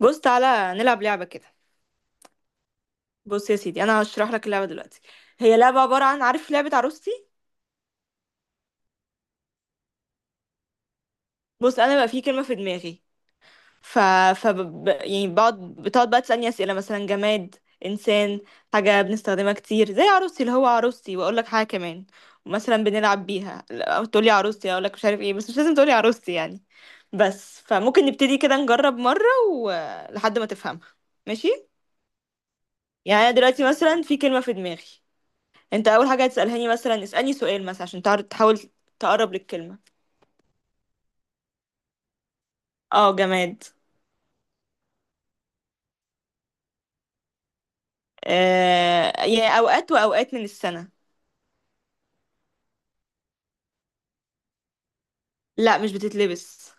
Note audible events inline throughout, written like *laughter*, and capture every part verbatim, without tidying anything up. بص تعالى نلعب لعبة كده. بص يا سيدي انا هشرح لك اللعبة دلوقتي. هي لعبة عبارة عن عارف لعبة عروستي. بص انا بقى في كلمة في دماغي. ف ف ب... يعني بقعد بتقعد بقى تسألني أسئلة، مثلا جماد، انسان، حاجة بنستخدمها كتير زي عروستي، اللي هو عروستي واقول لك حاجة كمان. مثلا بنلعب بيها، لا، تقول لي عروستي، اقول لك مش عارف ايه، بس مش لازم تقول لي عروستي يعني. بس فممكن نبتدي كده نجرب مرة ولحد ما تفهمها. ماشي. يعني انا دلوقتي مثلا في كلمة في دماغي، انت اول حاجه هتسالهاني، مثلا اسالني سؤال مثلا عشان تعر- تحاول تقرب للكلمه. اه جماد. آه يعني اوقات واوقات من السنه. لا مش بتتلبس.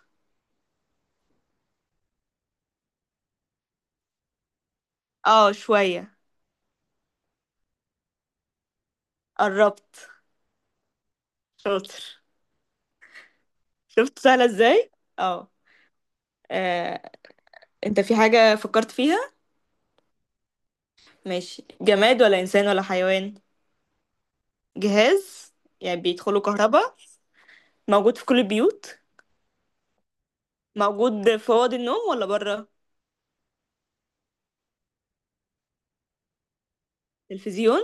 اه شويه. قربت. شاطر. شفت سهله ازاي. اه. آه، انت في حاجه فكرت فيها؟ ماشي، جماد ولا انسان ولا حيوان؟ جهاز. يعني بيدخله كهرباء. موجود في كل البيوت. موجود في اوض النوم ولا بره؟ تلفزيون.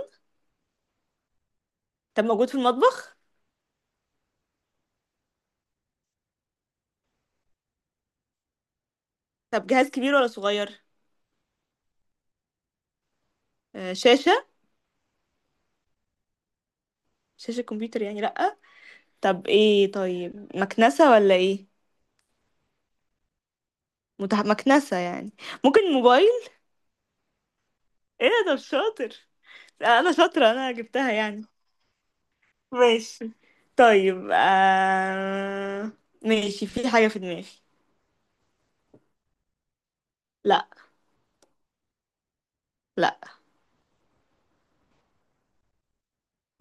طب موجود في المطبخ؟ طب جهاز كبير ولا صغير؟ آه، شاشه. شاشة كمبيوتر يعني لأ. طب ايه، طيب مكنسة ولا ايه؟ متح... مكنسة يعني. ممكن موبايل. ايه ده، طب شاطر. لا انا شاطرة، انا جبتها يعني. ماشي. طيب آه... ماشي، في حاجة في دماغي. لا. لا.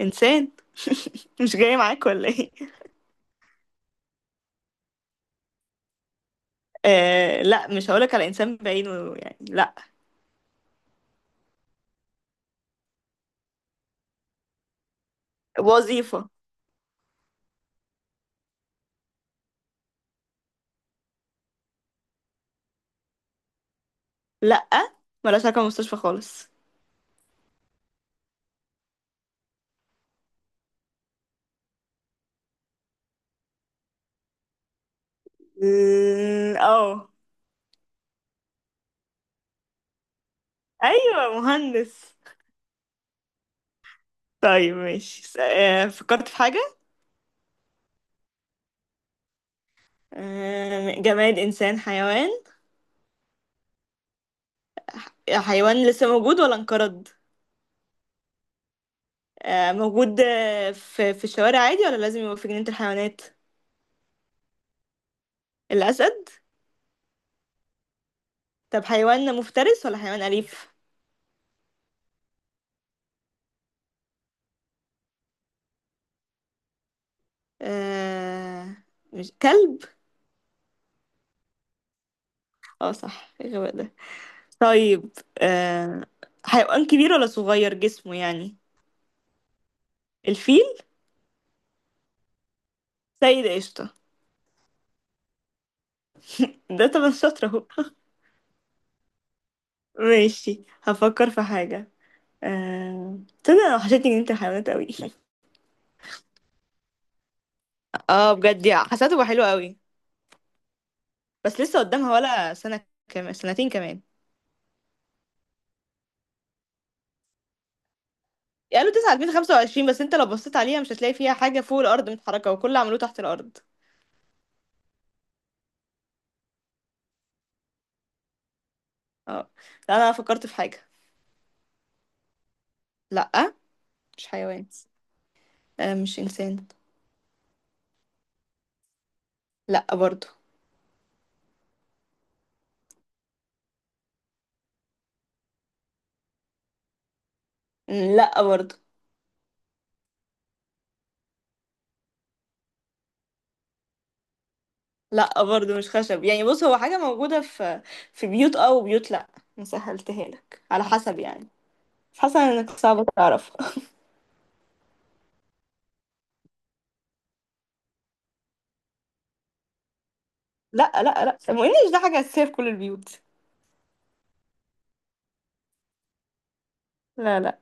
انسان. *laughs* مش جاي معاك ولا ايه؟ آه... لا مش هقولك على انسان بعينه يعني، لا. وظيفة. لا، ملهاش علاقة بالمستشفى خالص. اه. ايوه مهندس. طيب ماشي، س- آه، فكرت في حاجة. آه، جماد، إنسان، حيوان؟ آه، حيوان لسه موجود ولا انقرض؟ آه، موجود. آه، في في الشوارع عادي ولا لازم يبقى في جنينة الحيوانات؟ الأسد. طب حيوان مفترس ولا حيوان أليف؟ آه. مش كلب؟ اه صح، إيه الغباء ده. طيب. آه. حيوان كبير ولا صغير جسمه يعني؟ الفيل. سيد قشطة. ده طبعا شاطر اهو. ماشي هفكر في حاجة. آه... تصدق انا وحشتني جنينة الحيوانات قوي. *laughs* اه بجد يا، حسيته بقى حلو قوي. بس لسه قدامها ولا سنة كمان، سنتين كمان؟ قالوا تسعة بس انت لو بصيت عليها مش هتلاقي فيها حاجة فوق الأرض متحركة، وكل اللي عملوه تحت الأرض. اه. لا أنا فكرت في حاجة. لأ. مش حيوان. آه مش إنسان. لأ برضو. مم، لأ برضو. لأ برضو مش خشب يعني. بص هو حاجة موجودة في في بيوت اه، وبيوت لأ. مسهلتها لك على حسب يعني، حسب انك صعب تعرف. لا لا لا الانجليش ده حاجة أساسية في كل البيوت. لا لا.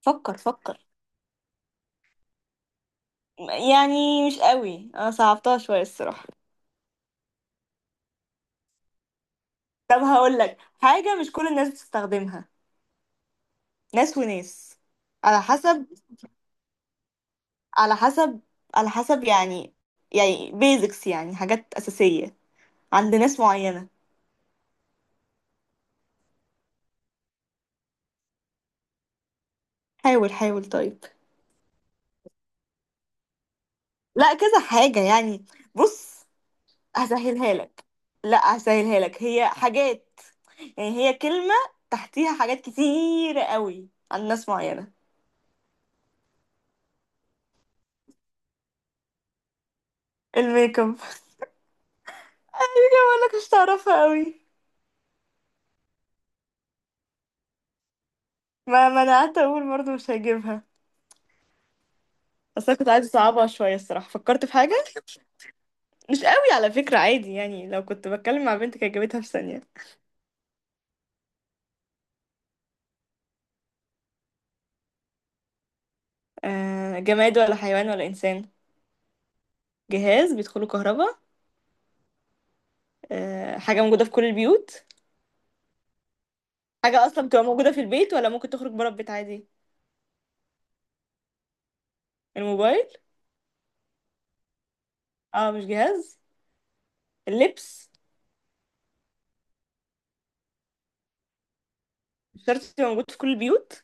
فكر فكر. يعني مش قوي، انا صعبتها شوية الصراحة. طب هقول لك حاجة مش كل الناس بتستخدمها، ناس وناس. على حسب، على حسب، على حسب يعني. يعني بيزكس يعني حاجات أساسية عند ناس معينة. حاول حاول طيب. لا كذا حاجة يعني. بص هسهلها لك. لا هسهلها لك، هي حاجات يعني، هي كلمة تحتيها حاجات كتير قوي عند ناس معينة. الميك اب. ايوه بقول لك مش تعرفها قوي. ما منعت اقول برضه مش هجيبها. بس انا كنت عايزه اصعبها شويه الصراحه، فكرت في حاجه. مش قوي على فكره، عادي يعني، لو كنت بتكلم مع بنت كانت جابتها في ثانيه. آه جماد ولا حيوان ولا انسان؟ جهاز بيدخله كهرباء؟ آه حاجه موجوده في كل البيوت؟ حاجه اصلا بتبقى موجوده في البيت ولا ممكن تخرج بره البيت عادي؟ الموبايل. اه مش جهاز. اللبس. مش شرط تبقى موجود في كل البيوت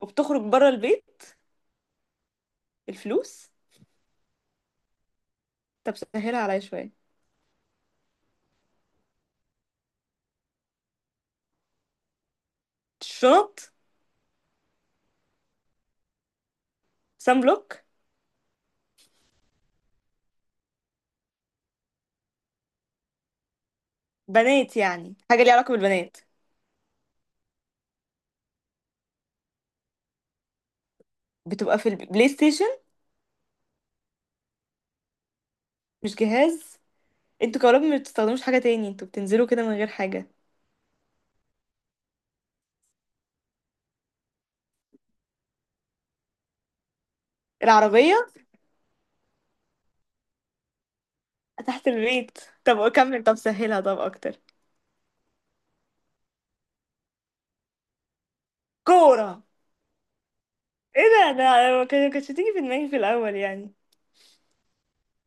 وبتخرج بره البيت. الفلوس. طب سهلها عليا شويه. الشنط. سان بلوك. بنات يعني حاجه ليها علاقه بالبنات؟ بتبقى في البلاي ستيشن؟ مش جهاز. انتوا كهربا ما بتستخدموش حاجه تاني، انتوا بتنزلوا كده من غير حاجه. العربيه. تحت البيت. طب كمل، طب سهلها، طب اكتر. كوره. ايه ده، ده أنا ما كان- ما كانتش تيجي في دماغي في الاول يعني.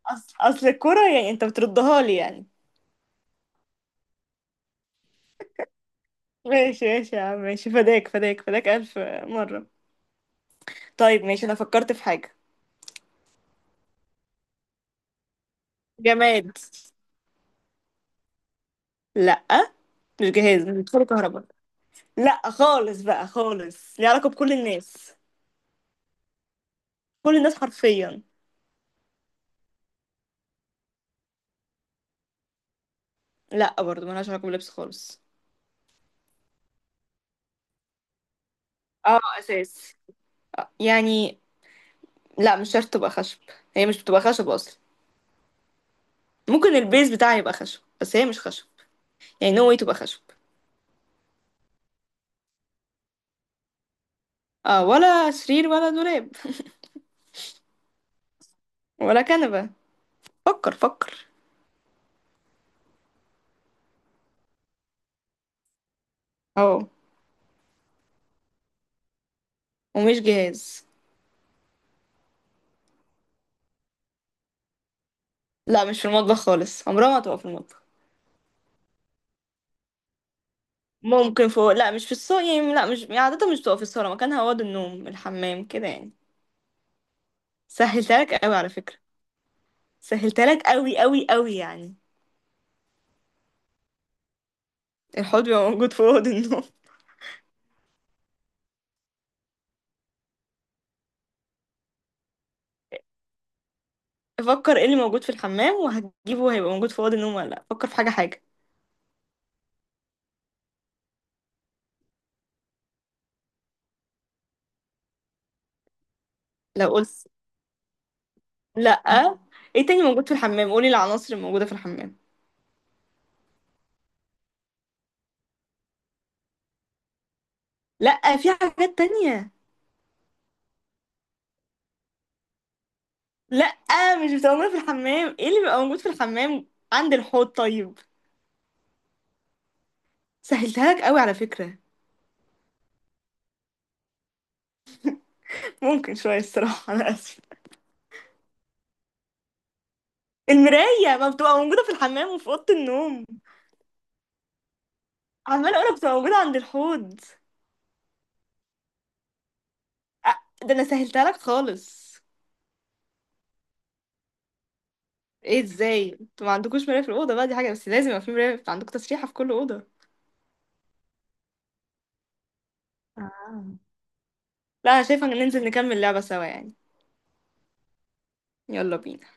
اصل اصل الكوره يعني انت بتردها لي يعني. ماشي ماشي يا عم ماشي، فداك فداك فداك الف مره. طيب ماشي انا فكرت في حاجه. جماد. لا. مش جهاز، مش بيدخلوا كهرباء. لا خالص بقى خالص، ليه علاقة بكل الناس. كل الناس حرفيا. لا برضو ملهاش علاقة باللبس خالص. اه اساس. آه، يعني لا مش شرط تبقى خشب. هي مش بتبقى خشب اصلا، ممكن البيز بتاعها يبقى خشب بس هي مش خشب. يعني نو واي تبقى خشب. اه ولا سرير ولا دولاب. *laughs* ولا كنبة. فكر فكر. اه ومش جهاز. لا مش في المطبخ خالص، عمرها ما هتبقى في المطبخ. ممكن فوق، لا مش في الصالة يعني، لا مش يعني عادة مش بتبقى في الصالة، مكانها أوض النوم، الحمام كده يعني. سهلتها لك قوي على فكرة. سهلتها لك قوي قوي قوي يعني. الحوض بيبقى موجود في اوض النوم؟ *laughs* افكر ايه اللي موجود في الحمام وهتجيبه وهيبقى موجود في اوض النوم ولا لا، فكر في حاجه حاجه. لو قلت، لا. ايه تاني موجود في الحمام، قولي العناصر الموجوده في الحمام. لا في حاجات تانية. لا مش بتبقى موجوده في الحمام، ايه اللي بيبقى موجود في الحمام عند الحوض طيب. سهلتها لك قوي على فكره. ممكن شويه الصراحه *laughs* انا اسفه. المرايه ما بتبقى موجوده في الحمام وفي اوضه النوم. عماله اقولك بتبقى موجوده عند الحوض. أ- ده انا سهلتها لك خالص. ايه ازاي انتوا ما عندكوش مراية في الأوضة بقى، دي حاجة بس لازم يبقى في مراية عندكم، تسريحة في كل أوضة. آه. لا انا شايفة ان ننزل نكمل لعبة سوا يعني. يلا بينا.